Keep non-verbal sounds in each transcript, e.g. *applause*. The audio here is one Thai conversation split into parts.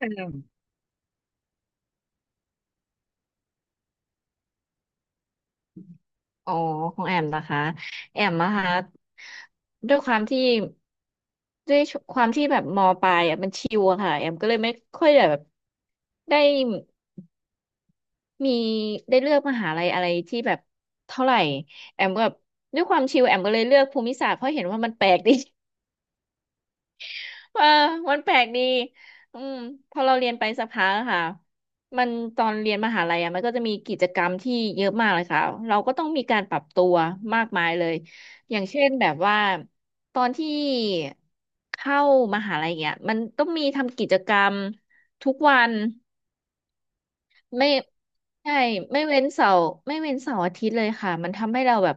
แอมอ๋อของแอมนะคะแอมนะคะด้วยความที่ด้วยแบบมปลายอ่ะมันชิวอะค่ะแอมก็เลยไม่ค่อยได้แบบได้มีได้เลือกมหาลัยอะไรที่แบบเท่าไหร่แอมก็แบบด้วยความชิวแอมก็เลยเลือกภูมิศาสตร์เพราะเห็นว่ามันแปลกดี เออมันแปลกดีอืมพอเราเรียนไปสักพักอะค่ะมันตอนเรียนมหาลัยอ่ะมันก็จะมีกิจกรรมที่เยอะมากเลยค่ะ เราก็ต้องมีการปรับตัวมากมายเลยอย่างเช่นแบบว่าตอนที่เข้ามหาลัยเนี่ยมันต้องมีทำกิจกรรมทุกวันไม่ใช่ไม่เว้นเสาร์ไม่เว้นเสาร์อาทิตย์เลยค่ะมันทำให้เราแบบ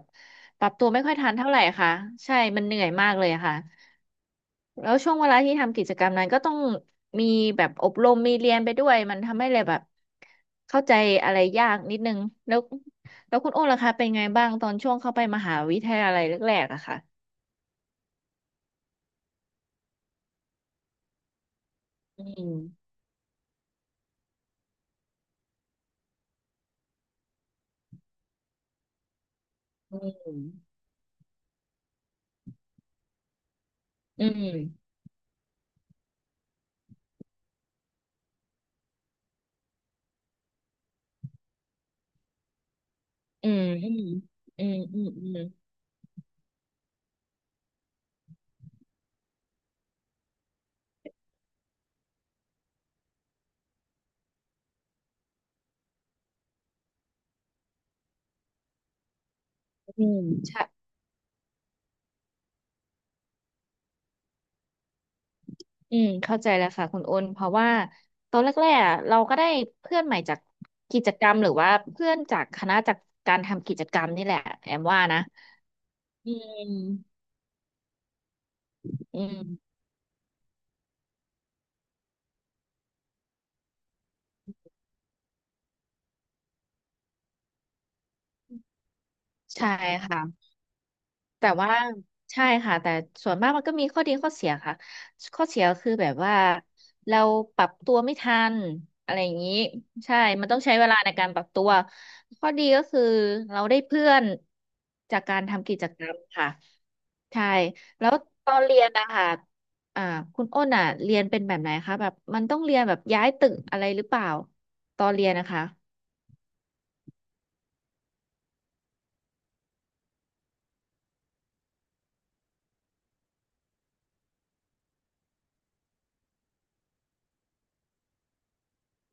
ปรับตัวไม่ค่อยทันเท่าไหร่ค่ะ ใช่ มันเหนื่อยมากเลยอะค่ะ แล้วช่วงเวลาที่ทำกิจกรรมนั้นก็ต้องมีแบบอบรมมีเรียนไปด้วยมันทำให้เลยแบบเข้าใจอะไรยากนิดนึงแล้วแล้วคุณโอ้ล่ะคะเป็นไงบ้างตอนช่วงเข้าไปมหาวิทยาลัยแรกๆอะค่ะอืมอืมอืมอืมอืมอืมอืมอืมอืมใช่อืมเข้าใจแล้วค่ะคุณโอนเพราะว่าตอนแรกๆอะเราก็ได้เพื่อนใหม่จากกิจกรรมหรือว่าเพื่อนจากคณะจากการทำกิจกรรมนี่แหละแอมว่านะอืมอืม ใช่ค่ะแต่ว่าใช่ค่ะแต่ส่วนมากมันก็มีข้อดีข้อเสียค่ะข้อเสียคือแบบว่าเราปรับตัวไม่ทันอะไรอย่างนี้ใช่ มันต้องใช้เวลาในการปรับตัวข้อดีก็คือเราได้เพื่อนจากการทำกิจกรรมค่ะใช่แล้วตอนเรียนนะคะอ่าคุณอ้นอ่ะเรียนเป็นแบบไหนคะแบบมันต้องเรียนแบบย้ายตึกอะไรหรือเปล่าตอนเรียนนะคะ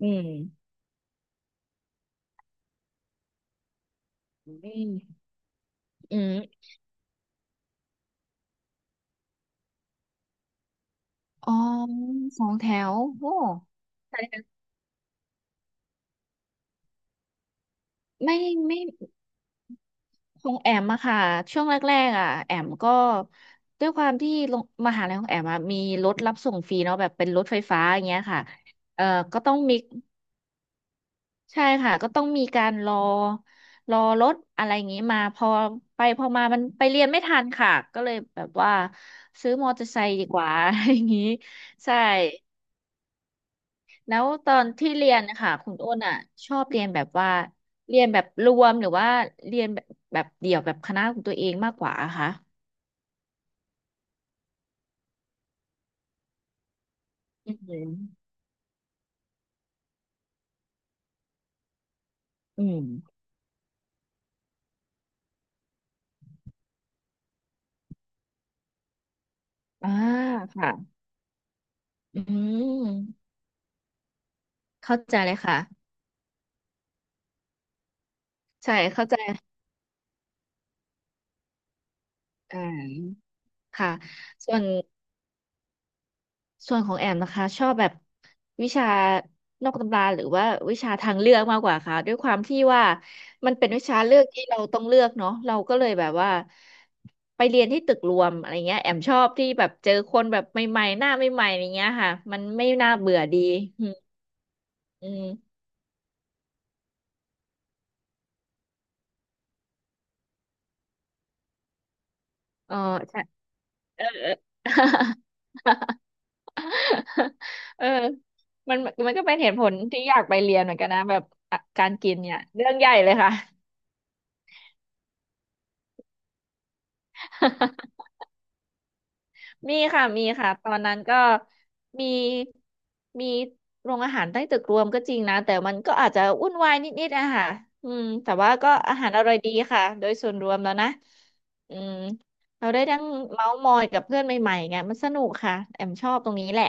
อืมอืมอืม อ๋อสองแถวโอ้ไม่ไม่คงแอมอะค่ะช่วงแรกๆอะแอมก็ด้วยความที่โรงมหาลัยของแอมอะมีรถรับส่งฟรีเนาะแบบเป็นรถไฟฟ้าอย่างเงี้ยค่ะเอ่อก็ต้องมีใช่ค่ะก็ต้องมีการรอรถอะไรอย่างงี้มาพอไปพอมามันไปเรียนไม่ทันค่ะก็เลยแบบว่าซื้อมอเตอร์ไซค์ดีกว่า *laughs* อะไรอย่างงี้ใช่ แล้วตอนที่เรียนนะคะคุณอ้นอ่ะชอบเรียนแบบว่าเรียนแบบรวมหรือว่าเรียนแบบเดี่ยวแบบคณะของตัวเองมากกว่าอะคะอืมอืมอ่าค่ะอืมเข้าใจเลยค่ะใช่เข้าใจอ่าค่ะส่วน ส่วนของแอมนะคะชอบแบบวิชานอกตำราหรือว่าวิชาทางเลือกมากกว่าค่ะด้วยความที่ว่ามันเป็นวิชาเลือกที่เราต้องเลือกเนาะเราก็เลยแบบว่าไปเรียนที่ตึกรวมอะไรเงี้ยแอมชอบที่แบบเจอคนแบบใหม่ๆหน้าใหม่ๆอะไรเงี้ยค่ะมันไม่น่าเบื่อดีอืมอืมเออใช่เออเออ *laughs* เออมันก็เป็นเหตุผลที่อยากไปเรียนเหมือนกันนะแบบอ่ะการกินเนี่ยเรื่องใหญ่เลยค่ะ *laughs* มีค่ะมีค่ะตอนนั้นก็มีมีโรงอาหารใต้ตึกรวมก็จริงนะแต่มันก็อาจจะวุ่นวายนิดๆอะค่ะอืมแต่ว่าก็อาหารอร่อยดีค่ะโดยส่วนรวมแล้วนะอืมเราได้ทั้งเมาท์มอยกับเพื่อนใหม่ๆไงมันสนุกค่ะแอมชอบตรงนี้แหละ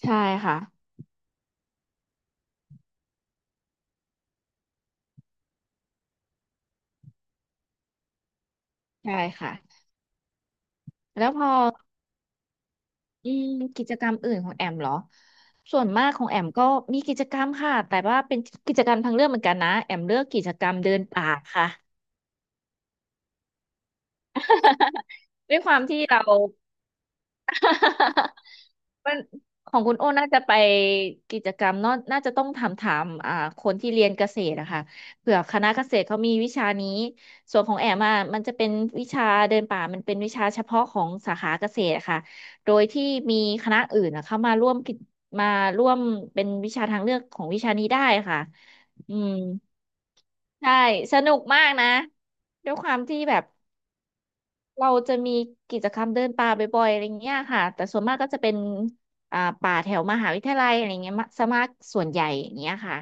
ใช่ค่ะใช่ค่ะแล้วพออืมกิจกรรมอื่นของแอมเหรอส่วนมากของแอมก็มีกิจกรรมค่ะแต่ว่าเป็นกิจกรรมทางเลือกเหมือนกันนะแอมเลือกกิจกรรมเดินป่าค่ะ ด้วยความที่เรา *laughs* มันของคุณโอ้น่าจะไปกิจกรรมเนอะน่าจะต้องถามอ่าคนที่เรียนเกษตรอะค่ะเผื่อคณะเกษตรเขามีวิชานี้ส่วนของแอมอะมันจะเป็นวิชาเดินป่ามันเป็นวิชาเฉพาะของสาขาเกษตรอะค่ะโดยที่มีคณะอื่นอะเข้ามาร่วมกิจมาร่วมเป็นวิชาทางเลือกของวิชานี้ได้ค่ะอืมใช่สนุกมากนะด้วยความที่แบบ เราจะมีกิจกรรมเดินป่าบ่อยๆอะไรเงี้ยค่ะแต่ส่วนมากก็จะเป็นอ่าป่าแถวมหาวิทยาลัยอะไรเงี้ยมะซะมากส่วนใหญ่อย่างเงี้ยค่ะ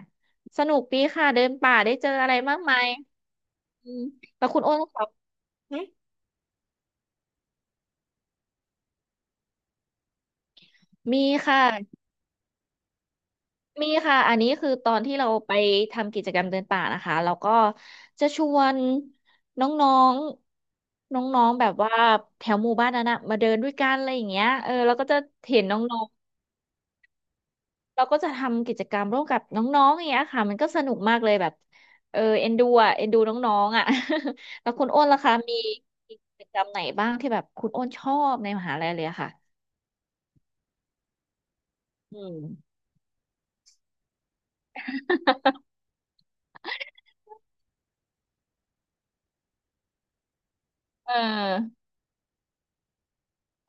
สนุกดีค่ะเดินป่าได้เจออะไรมากมายอืมแล้วคุณโอ้นครับมีค่ะมีค่ะอันนี้คือตอนที่เราไปทำกิจกรรมเดินป่านะคะแล้วก็จะชวนน้องๆน้องๆแบบว่าแถวหมู่บ้านนั้นนะมาเดินด้วยกันอะไรอย่างเงี้ยเออเราก็จะเห็นน้องๆ เราก็จะทำกิจกรรมร่วมกับน้องๆอย่างเงี้ยค่ะมันก็สนุกมากเลยแบบเออเอ็นดูอ่ะเอ็นดูน้องๆอ่ะ *laughs* แล้วคุณอ้นล่ะคะมีมีกิจกรรมไหนบ้างที่แบบคุณอ้นชอบในมหาลัยเลยอะค่ะอืม *laughs* เออ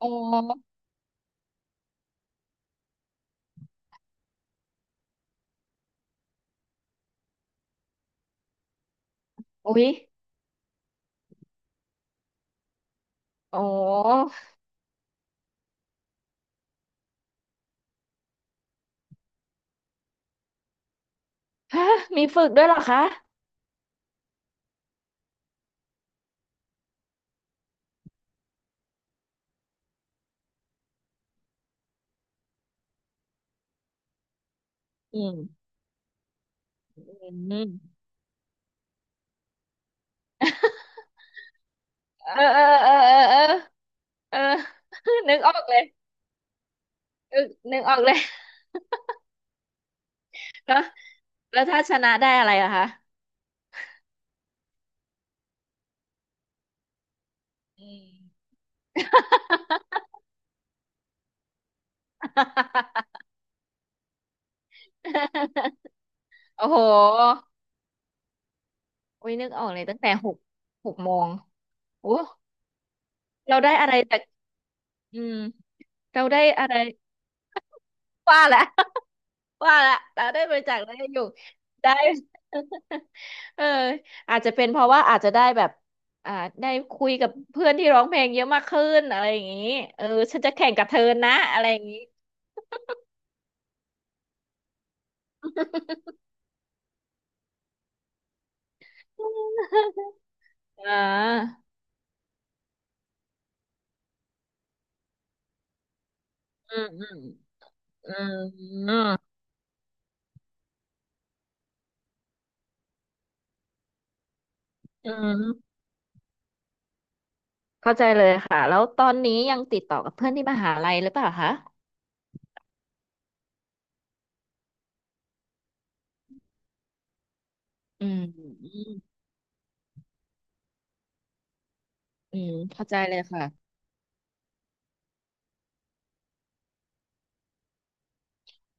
โอ้อุ๊ยโอ้ฮะ *laughs* มีฝึกด้วยเหรอคะอืมอืมเออเออเออเออเออเออ *laughs* นึกออกเลยเออนึกออกเลย *laughs* แล้วถ้าชนะได้อะไรอะคะอืม *laughs* โอ้โหโอุ้ยนึกออกเลยตั้งแต่หกโมงโอ้เราได้อะไรจากอืมเราได้อะไรว่าละ *laughs* ว่าละเราได้บริจาคได้อยู่ได้ *laughs* เอออาจจะเป็นเพราะว่าอาจจะได้แบบอ่าได้คุยกับเพื่อนที่ร้องเพลงเยอะมากขึ้นอะไรอย่างนี้เออฉันจะแข่งกับเธอนะอะไรอย่างนี้ *laughs* อ่าอืมอืมอืมอืม เข้าใจเลยค่ะแล้วตอนนี้ยังติดต่อกับเพื่อนที่มหาลัยหรือเปล่าคะอืมอืมอืมเข้าใจเลยค่ะ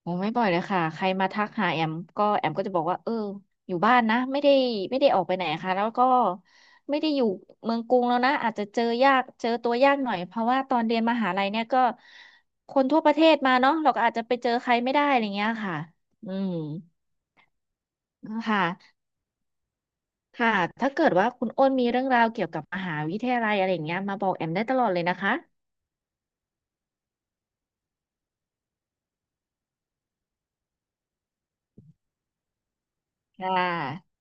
โอ้ไม่บ่อยเลยค่ะใครมาทักหาแอมก็แอมก็จะบอกว่าเอออยู่บ้านนะไม่ได้ไม่ได้ออกไปไหนค่ะแล้วก็ไม่ได้อยู่เมืองกรุงแล้วนะอาจจะเจอยากเจอตัวยากหน่อยเพราะว่าตอนเรียนมหาลัยเนี่ยก็คนทั่วประเทศมาเนาะเราก็อาจจะไปเจอใครไม่ได้อะไรเงี้ยค่ะอืมค่ะค่ะถ้าเกิดว่าคุณอ้นมีเรื่องราวเกี่ยวกับมหาวิทยาลัยอะไรอย่างเงี้ยมาบอกแอมได้ตลอดเลยนะคะ ค่ะ